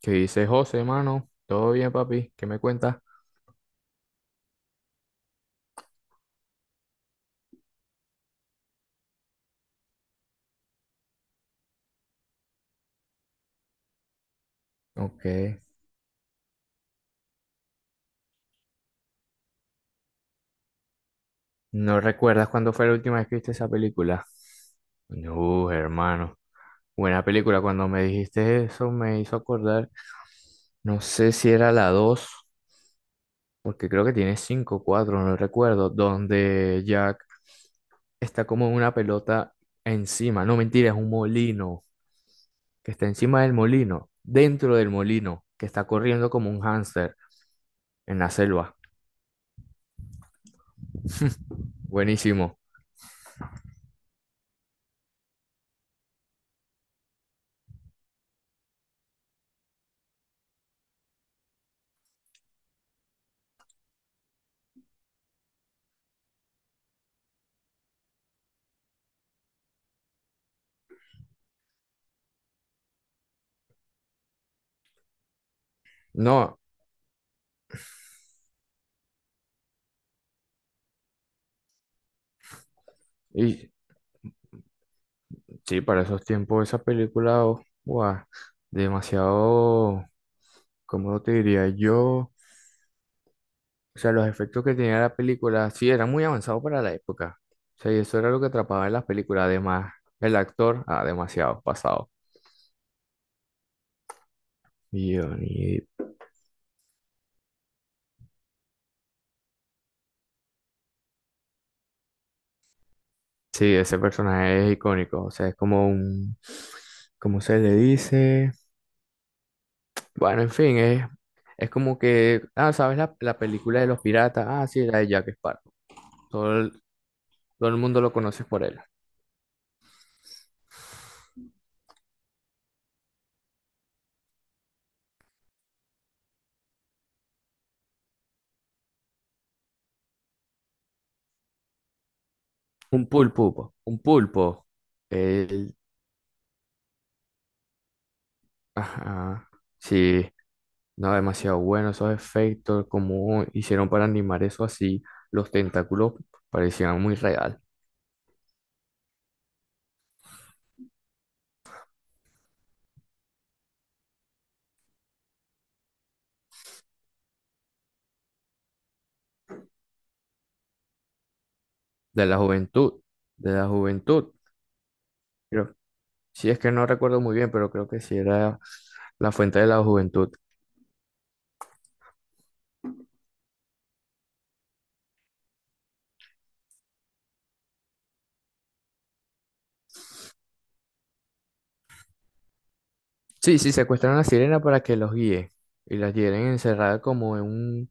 ¿Qué dice José, hermano? ¿Todo bien, papi? ¿Qué me cuentas? Ok. ¿No recuerdas cuándo fue la última vez que viste esa película? No, hermano. Buena película. Cuando me dijiste eso me hizo acordar. No sé si era la 2 porque creo que tiene 5 o 4, no recuerdo. Donde Jack está como en una pelota encima. No, mentira, es un molino. Que está encima del molino. Dentro del molino. Que está corriendo como un hámster en la selva. Buenísimo. No, y sí, para esos tiempos esa película, oh, guau, demasiado, ¿cómo te diría yo? O sea, los efectos que tenía la película, sí, eran muy avanzados para la época. O sea, y eso era lo que atrapaba en las películas. Además, el actor, ah, demasiado pasado. Y, yo, y- sí, ese personaje es icónico. O sea, es como un, ¿cómo se le dice? Bueno, en fin, es como que, ah, ¿sabes la película de los piratas? Ah, sí, la de Jack Sparrow. Todo el- Todo el mundo lo conoce por él. Un pulpo, po, un pulpo. El, ajá, sí, no, demasiado bueno esos efectos, como hicieron para animar eso así, los tentáculos parecían muy real. De la juventud, de la juventud, creo, sí es que no recuerdo muy bien, pero creo que sí era la fuente de la juventud. Sí, sí, secuestran a la sirena para que los guíe y las tienen encerrada como en un,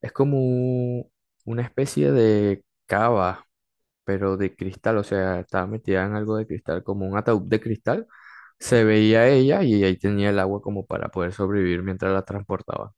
es como una especie de cava pero de cristal, o sea, estaba metida en algo de cristal, como un ataúd de cristal. Se veía ella y ahí tenía el agua como para poder sobrevivir mientras la transportaba.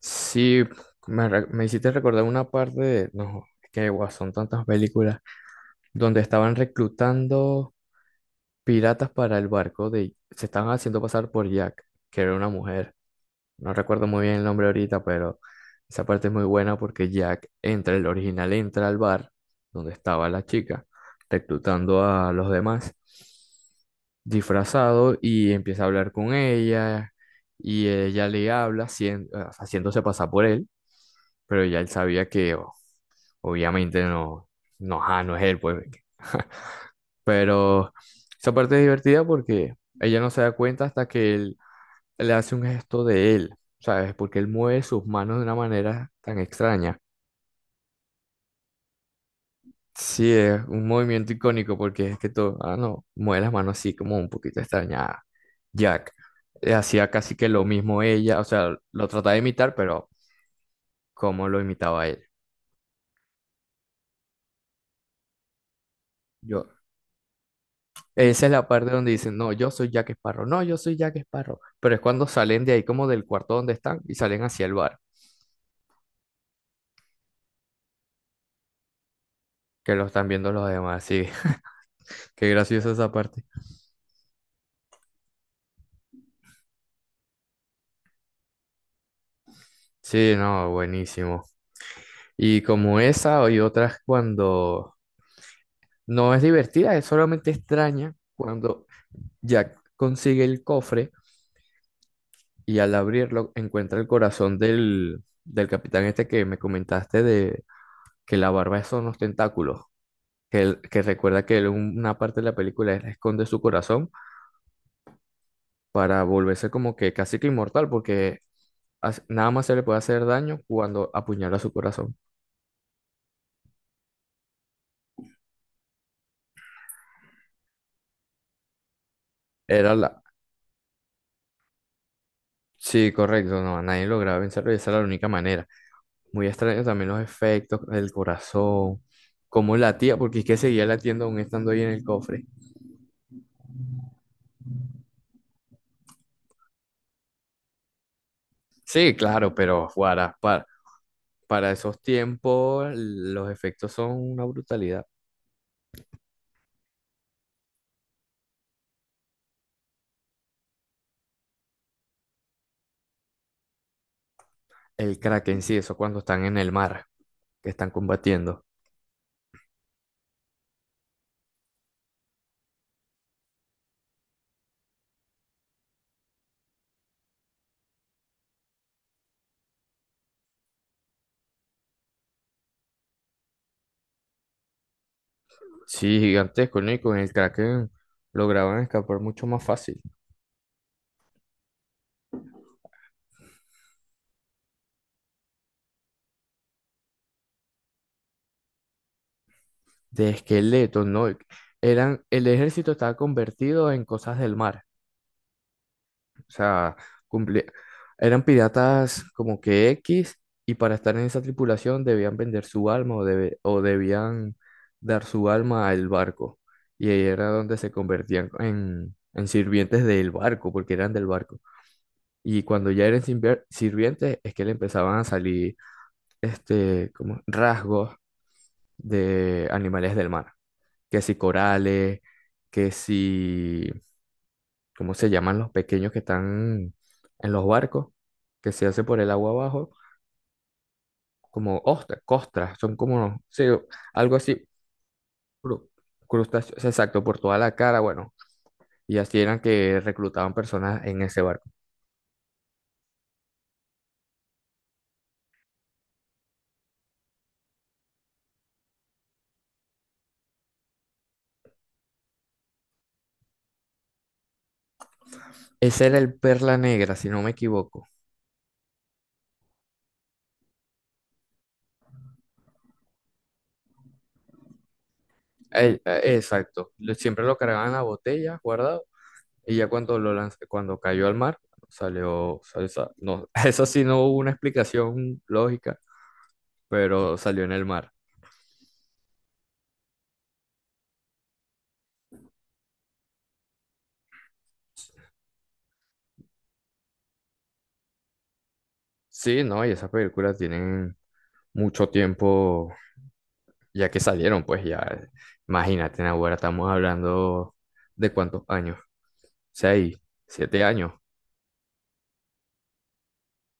Sí, me hiciste recordar una parte de, no, es que guau, son tantas películas, donde estaban reclutando piratas para el barco de, se estaban haciendo pasar por Jack, que era una mujer. No recuerdo muy bien el nombre ahorita, pero esa parte es muy buena porque Jack entra, el original entra al bar donde estaba la chica, reclutando a los demás, disfrazado y empieza a hablar con ella y ella le habla haciéndose pasar por él, pero ya él sabía que obviamente no, no, ajá, no es él, pues. Pero esa parte es divertida porque ella no se da cuenta hasta que él le hace un gesto de él, ¿sabes? Porque él mueve sus manos de una manera tan extraña. Sí, es un movimiento icónico porque es que todo, ah, no, mueve las manos así como un poquito extraña. Jack hacía casi que lo mismo ella, o sea, lo trataba de imitar, pero como lo imitaba él. Yo, esa es la parte donde dicen, no, yo soy Jack Sparrow, no, yo soy Jack Sparrow. Pero es cuando salen de ahí como del cuarto donde están y salen hacia el bar, que lo están viendo los demás, sí, qué graciosa esa parte. Sí, no, buenísimo. Y como esa, hay otras cuando no es divertida, es solamente extraña cuando Jack consigue el cofre y al abrirlo encuentra el corazón del capitán este que me comentaste de que la barba son los tentáculos, que, que recuerda que él en una parte de la película él esconde su corazón para volverse como que casi que inmortal porque nada más se le puede hacer daño cuando apuñala su corazón. Era la... Sí, correcto, no, nadie lograba vencerlo y esa era la única manera. Muy extraño también los efectos, el corazón, cómo latía, porque es que seguía latiendo aún estando ahí en el cofre. Sí, claro, pero para esos tiempos los efectos son una brutalidad. El Kraken, sí, eso cuando están en el mar, que están combatiendo. Sí, gigantesco, ¿no? Y con el Kraken lograban escapar mucho más fácil. De esqueletos, ¿no? Eran, el ejército estaba convertido en cosas del mar. O sea, cumple- eran piratas como que X y para estar en esa tripulación debían vender su alma o, o debían dar su alma al barco. Y ahí era donde se convertían en sirvientes del barco, porque eran del barco. Y cuando ya eran sirvientes es que le empezaban a salir este, como rasgos de animales del mar. Que si corales, que si ¿cómo se llaman los pequeños que están en los barcos? Que se hace por el agua abajo, como ostras, costras, son como, sí, algo así, cru- crustáceos, exacto, por toda la cara, bueno, y así eran que reclutaban personas en ese barco. Ese era el Perla Negra, si no me equivoco. El- Exacto, lo- siempre lo cargaban en la botella, guardado, y ya cuando cuando cayó al mar, salió esa- no, eso sí no hubo una explicación lógica, pero salió en el mar. Sí, no, y esas películas tienen mucho tiempo ya que salieron, pues ya, imagínate, ahora estamos hablando de cuántos años, 6, 7 años,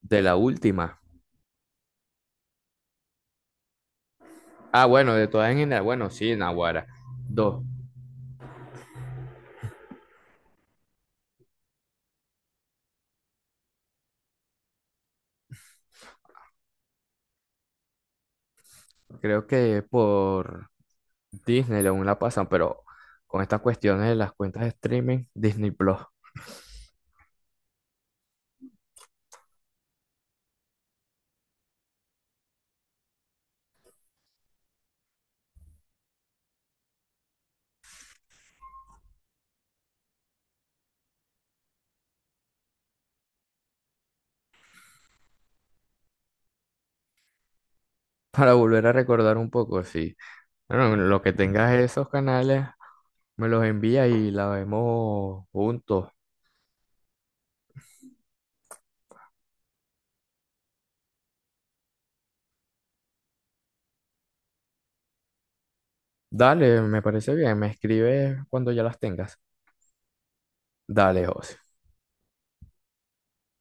de la última. Ah, bueno, de todas en general, bueno, sí, Naguará, dos. Creo que por Disney aún la pasan, pero con estas cuestiones de las cuentas de streaming, Disney Plus, para volver a recordar un poco, sí. Bueno, lo que tengas esos canales, me los envía y la vemos juntos. Dale, me parece bien. Me escribes cuando ya las tengas. Dale, José.